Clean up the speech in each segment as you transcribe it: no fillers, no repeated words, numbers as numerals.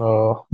اه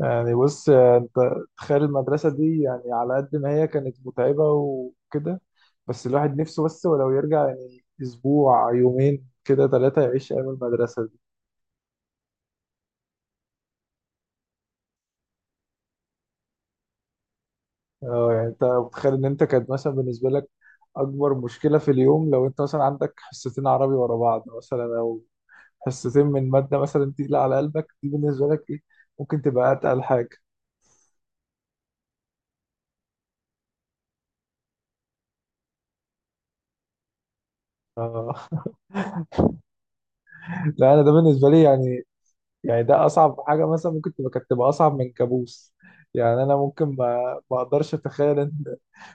بص انت، تخيل المدرسة دي يعني على قد ما هي كانت متعبة وكده. بس الواحد نفسه، بس ولو يرجع يعني اسبوع يومين كده ثلاثة يعيش ايام المدرسة دي. اه، يعني انت متخيل ان انت كانت مثلا بالنسبة لك اكبر مشكلة في اليوم لو انت مثلا عندك حصتين عربي ورا بعض، مثلا او حصتين من مادة مثلا تقيلة على قلبك، دي بالنسبة لك ايه؟ ممكن تبقى اتقل حاجة؟ اه لا، انا ده بالنسبة لي يعني، يعني ده اصعب حاجه مثلا ممكن تبقى، كانت تبقى اصعب من كابوس. يعني انا ممكن ما اقدرش اتخيل ان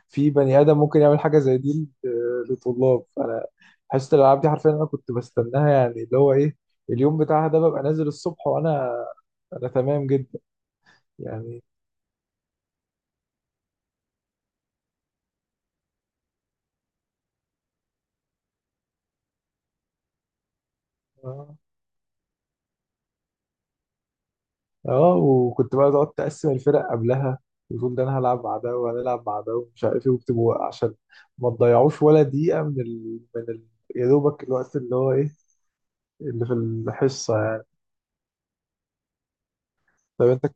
في بني ادم ممكن يعمل حاجه زي دي لطلاب. انا حصه الالعاب دي حرفيا انا كنت بستناها، يعني اللي هو ايه، اليوم بتاعها ده ببقى نازل الصبح وانا انا تمام جدا يعني. اه آه، وكنت بقى تقعد تقسم الفرق قبلها وتقول ده انا هلعب مع ده وهنلعب مع ده ومش عارف ايه، وبتبقوا عشان ما تضيعوش ولا دقيقه من يا دوبك الوقت اللي هو ايه، اللي في الحصه. طب انت،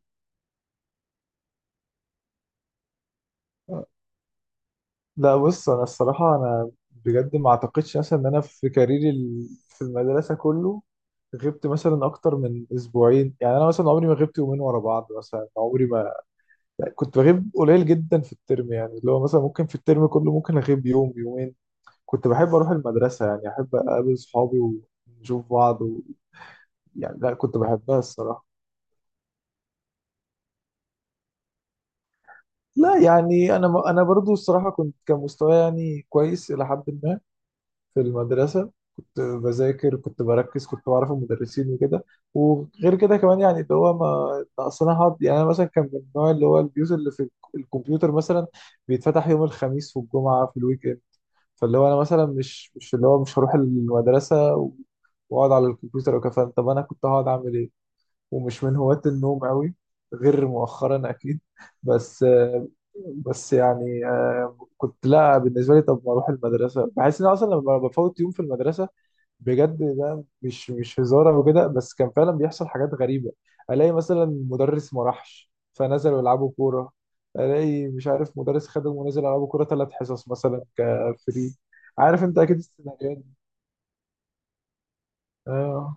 لا بص انا الصراحه انا بجد ما اعتقدش مثلا ان انا في كاريري في المدرسه كله غبت مثلا اكتر من اسبوعين. يعني انا مثلا عمري ما غبت يومين ورا بعض، مثلا عمري ما كنت بغيب، قليل جدا في الترم. يعني اللي هو مثلا ممكن في الترم كله ممكن اغيب يوم يومين. كنت بحب اروح المدرسه، يعني احب اقابل صحابي ونشوف بعض يعني لا، كنت بحبها الصراحه. لا يعني انا برضو الصراحه كنت، كان مستواي يعني كويس الى حد ما في المدرسة. كنت بذاكر، كنت بركز، كنت بعرف المدرسين وكده. وغير كده كمان يعني اللي هو ما ما اصل أنا أصلا هقعد يعني. أنا مثلا كان من النوع اللي هو البيوت اللي في الكمبيوتر مثلا بيتفتح يوم الخميس والجمعة في الويك إند. فاللي هو أنا مثلا مش اللي هو مش هروح المدرسة وأقعد على الكمبيوتر وكفاية. طب أنا كنت هقعد أعمل إيه؟ ومش من هواة النوم أوي، غير مؤخرا أكيد. بس بس يعني آه، كنت، لا بالنسبة لي طب ما أروح المدرسة، بحس إن أنا أصلا لما بفوت يوم في المدرسة، بجد ده مش هزار او كده، بس كان فعلا بيحصل حاجات غريبه. الاقي مثلا مدرس ما راحش فنزلوا يلعبوا كوره، الاقي مش عارف مدرس خدم ونزل يلعبوا كوره ثلاث حصص مثلا كفري. عارف انت اكيد السيناريوهات دي. اه،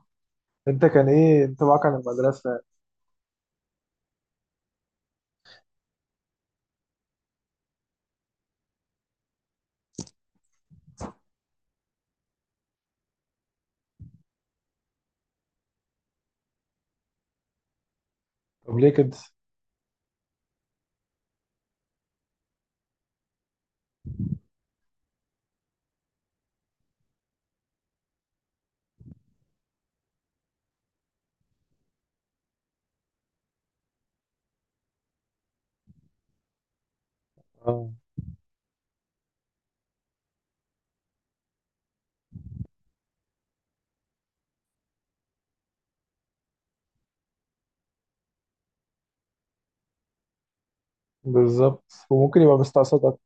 انت كان ايه انطباعك عن المدرسه؟ طب ليه كده؟ اه بالظبط. وممكن يبقى مستقصدك.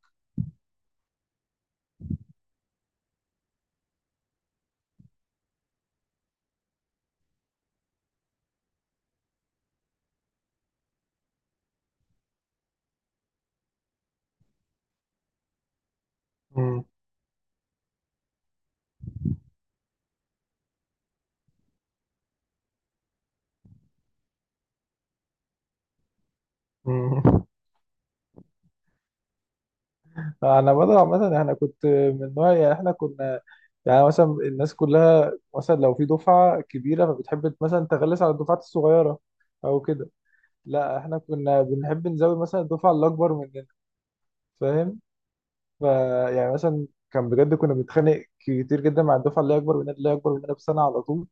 مم. مم. انا بدر عامه، احنا كنت من نوع يعني احنا كنا، يعني مثلا الناس كلها مثلا لو في دفعة كبيرة فبتحب مثلا تغلس على الدفعات الصغيرة أو كده. لا احنا كنا بنحب نزود مثلا الدفعة اللي أكبر مننا. فاهم، فيعني مثلا كان بجد كنا بنتخانق كتير جدا مع الدفعة اللي هي أكبر مننا، اللي هي أكبر مننا بسنة على طول.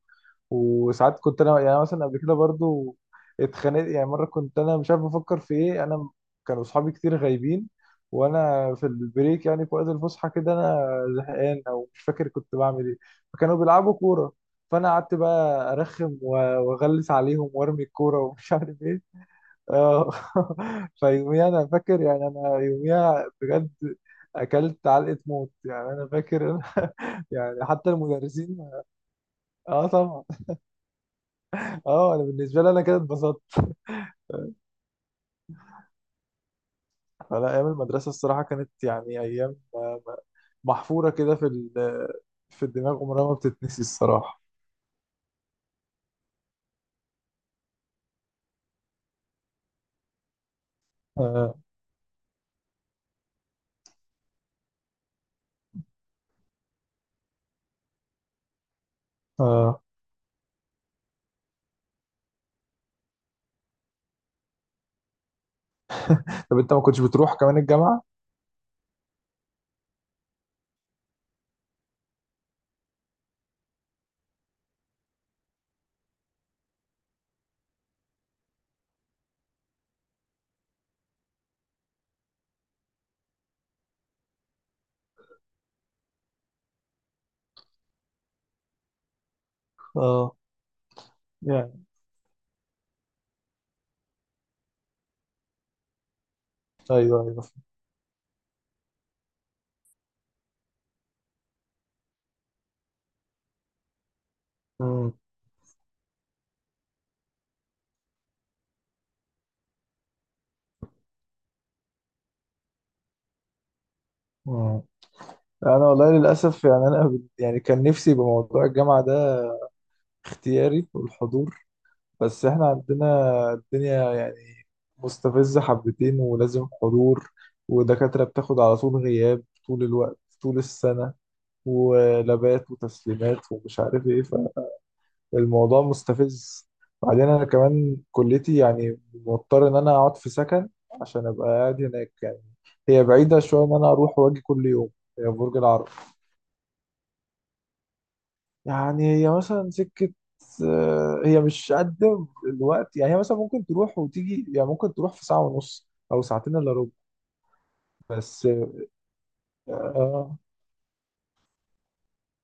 وساعات كنت انا يعني، أنا مثلا قبل كده برضو اتخانقت يعني. مره كنت انا مش عارف بفكر في ايه، انا كانوا اصحابي كتير غايبين، وانا في البريك يعني في وقت الفسحه كده، انا زهقان او مش فاكر كنت بعمل ايه، فكانوا بيلعبوا كوره، فانا قعدت بقى ارخم واغلس عليهم وارمي الكوره ومش عارف ايه. اه. فيوميها انا فاكر، يعني انا يوميها بجد اكلت علقه موت يعني، انا فاكر. يعني حتى المدرسين. اه طبعا. اه انا بالنسبه لي انا كده اتبسطت. فلا، ايام المدرسه الصراحه كانت يعني ايام آه، محفوره كده في في الدماغ، عمرها ما بتتنسي الصراحه. آه. آه. طب انت ما كنتش بتروح كمان الجامعه؟ اه يعني. ايوه ايوه. مم. مم. انا والله للاسف يعني يعني كان نفسي يبقى موضوع الجامعه ده اختياري والحضور. بس احنا عندنا الدنيا يعني مستفزة حبتين ولازم حضور، ودكاترة بتاخد على طول غياب طول الوقت طول السنة، ولابات وتسليمات ومش عارف ايه، فالموضوع مستفز. بعدين انا كمان كليتي يعني مضطر ان انا اقعد في سكن عشان ابقى قاعد هناك، يعني هي بعيدة شوية ان انا اروح واجي كل يوم، هي في برج العرب. يعني هي مثلا سكة آه، هي مش قد الوقت يعني، هي مثلا ممكن تروح وتيجي، يعني ممكن تروح في ساعة ونص أو ساعتين إلا ربع. بس آه،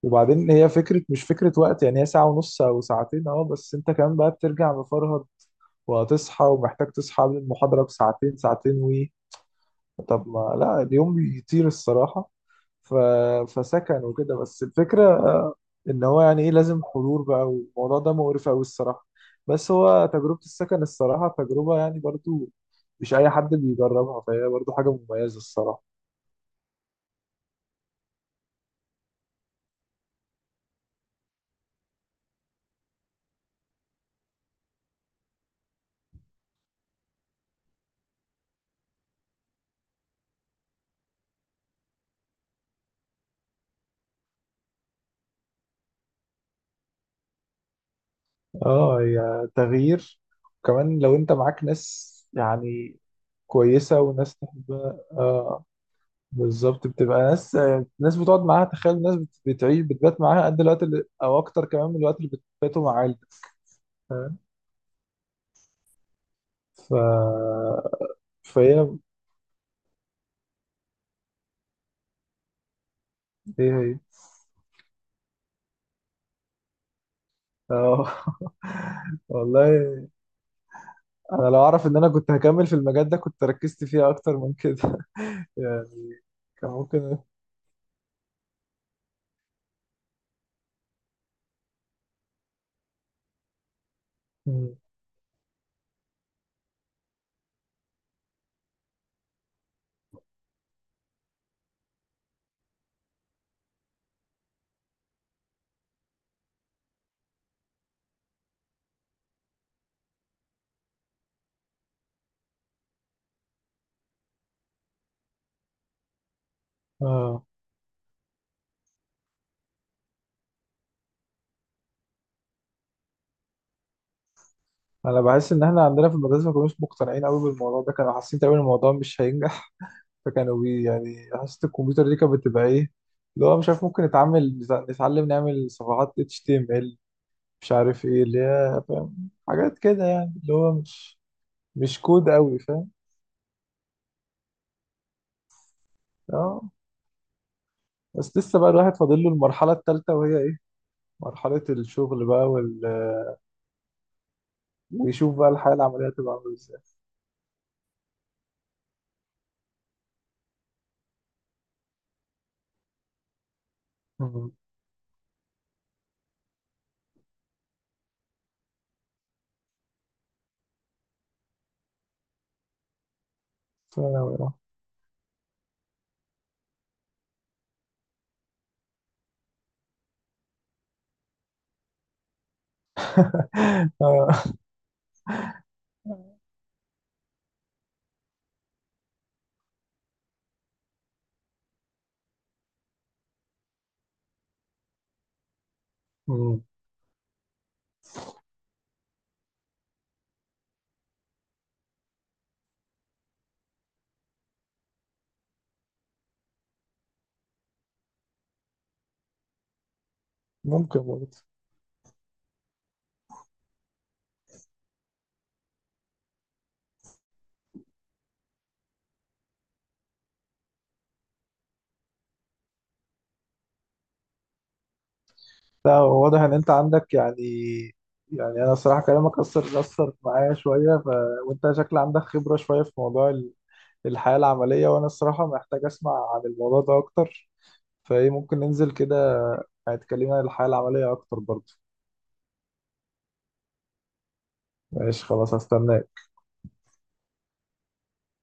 وبعدين هي فكرة، مش فكرة وقت يعني، هي ساعة ونص أو ساعتين أه، بس أنت كمان بقى بترجع مفرهد وهتصحى، ومحتاج تصحى قبل المحاضرة بساعتين ساعتين وي. طب ما لا، اليوم بيطير الصراحة. ف... فسكن وكده، بس الفكرة ان هو يعني ايه، لازم حضور بقى، والموضوع ده مقرف قوي الصراحه. بس هو تجربه السكن الصراحه تجربه يعني برضو مش اي حد بيجربها، فهي برضو حاجه مميزه الصراحه. اه هي تغيير. وكمان لو انت معاك ناس يعني كويسه وناس تحبها، اه بالظبط، بتبقى ناس، ناس بتقعد معاها، تخيل ناس بتعيش بتبات معاها قد الوقت اللي، او اكتر كمان من الوقت اللي بتباتوا مع عيلتك. فاهم. ف فهي ايه، هي اه. والله انا لو اعرف ان انا كنت هكمل في المجال ده كنت ركزت فيه اكتر من كده. يعني كان ممكن. مم. اه انا بحس ان احنا عندنا في المدرسه ما كانوش مقتنعين قوي بالموضوع ده، كانوا حاسين تقريبا الموضوع مش هينجح. فكانوا بي يعني، حاسه الكمبيوتر دي كانت بتبقى ايه، اللي هو مش عارف ممكن نتعامل نتعلم نعمل صفحات HTML، مش عارف ايه اللي هي، فاهم، حاجات كده يعني اللي هو مش كود قوي، فاهم. اه، بس لسه بقى الواحد فاضل له المرحله الثالثه، وهي مرحلة الشغل بقى ويشوف بقى الحياة العملية تبقى عاملة ازاي. مم. ثانوي، آه. آه. مم. ممكن برضه. لا هو واضح ان انت عندك يعني، يعني انا الصراحة كلامك اثر اثر معايا شوية وانت شكل عندك خبرة شوية في موضوع الحياة العملية، وانا الصراحة محتاج اسمع عن الموضوع ده اكتر. فايه ممكن ننزل كده، هتكلمنا عن الحياة العملية اكتر برضه؟ ماشي خلاص، هستناك.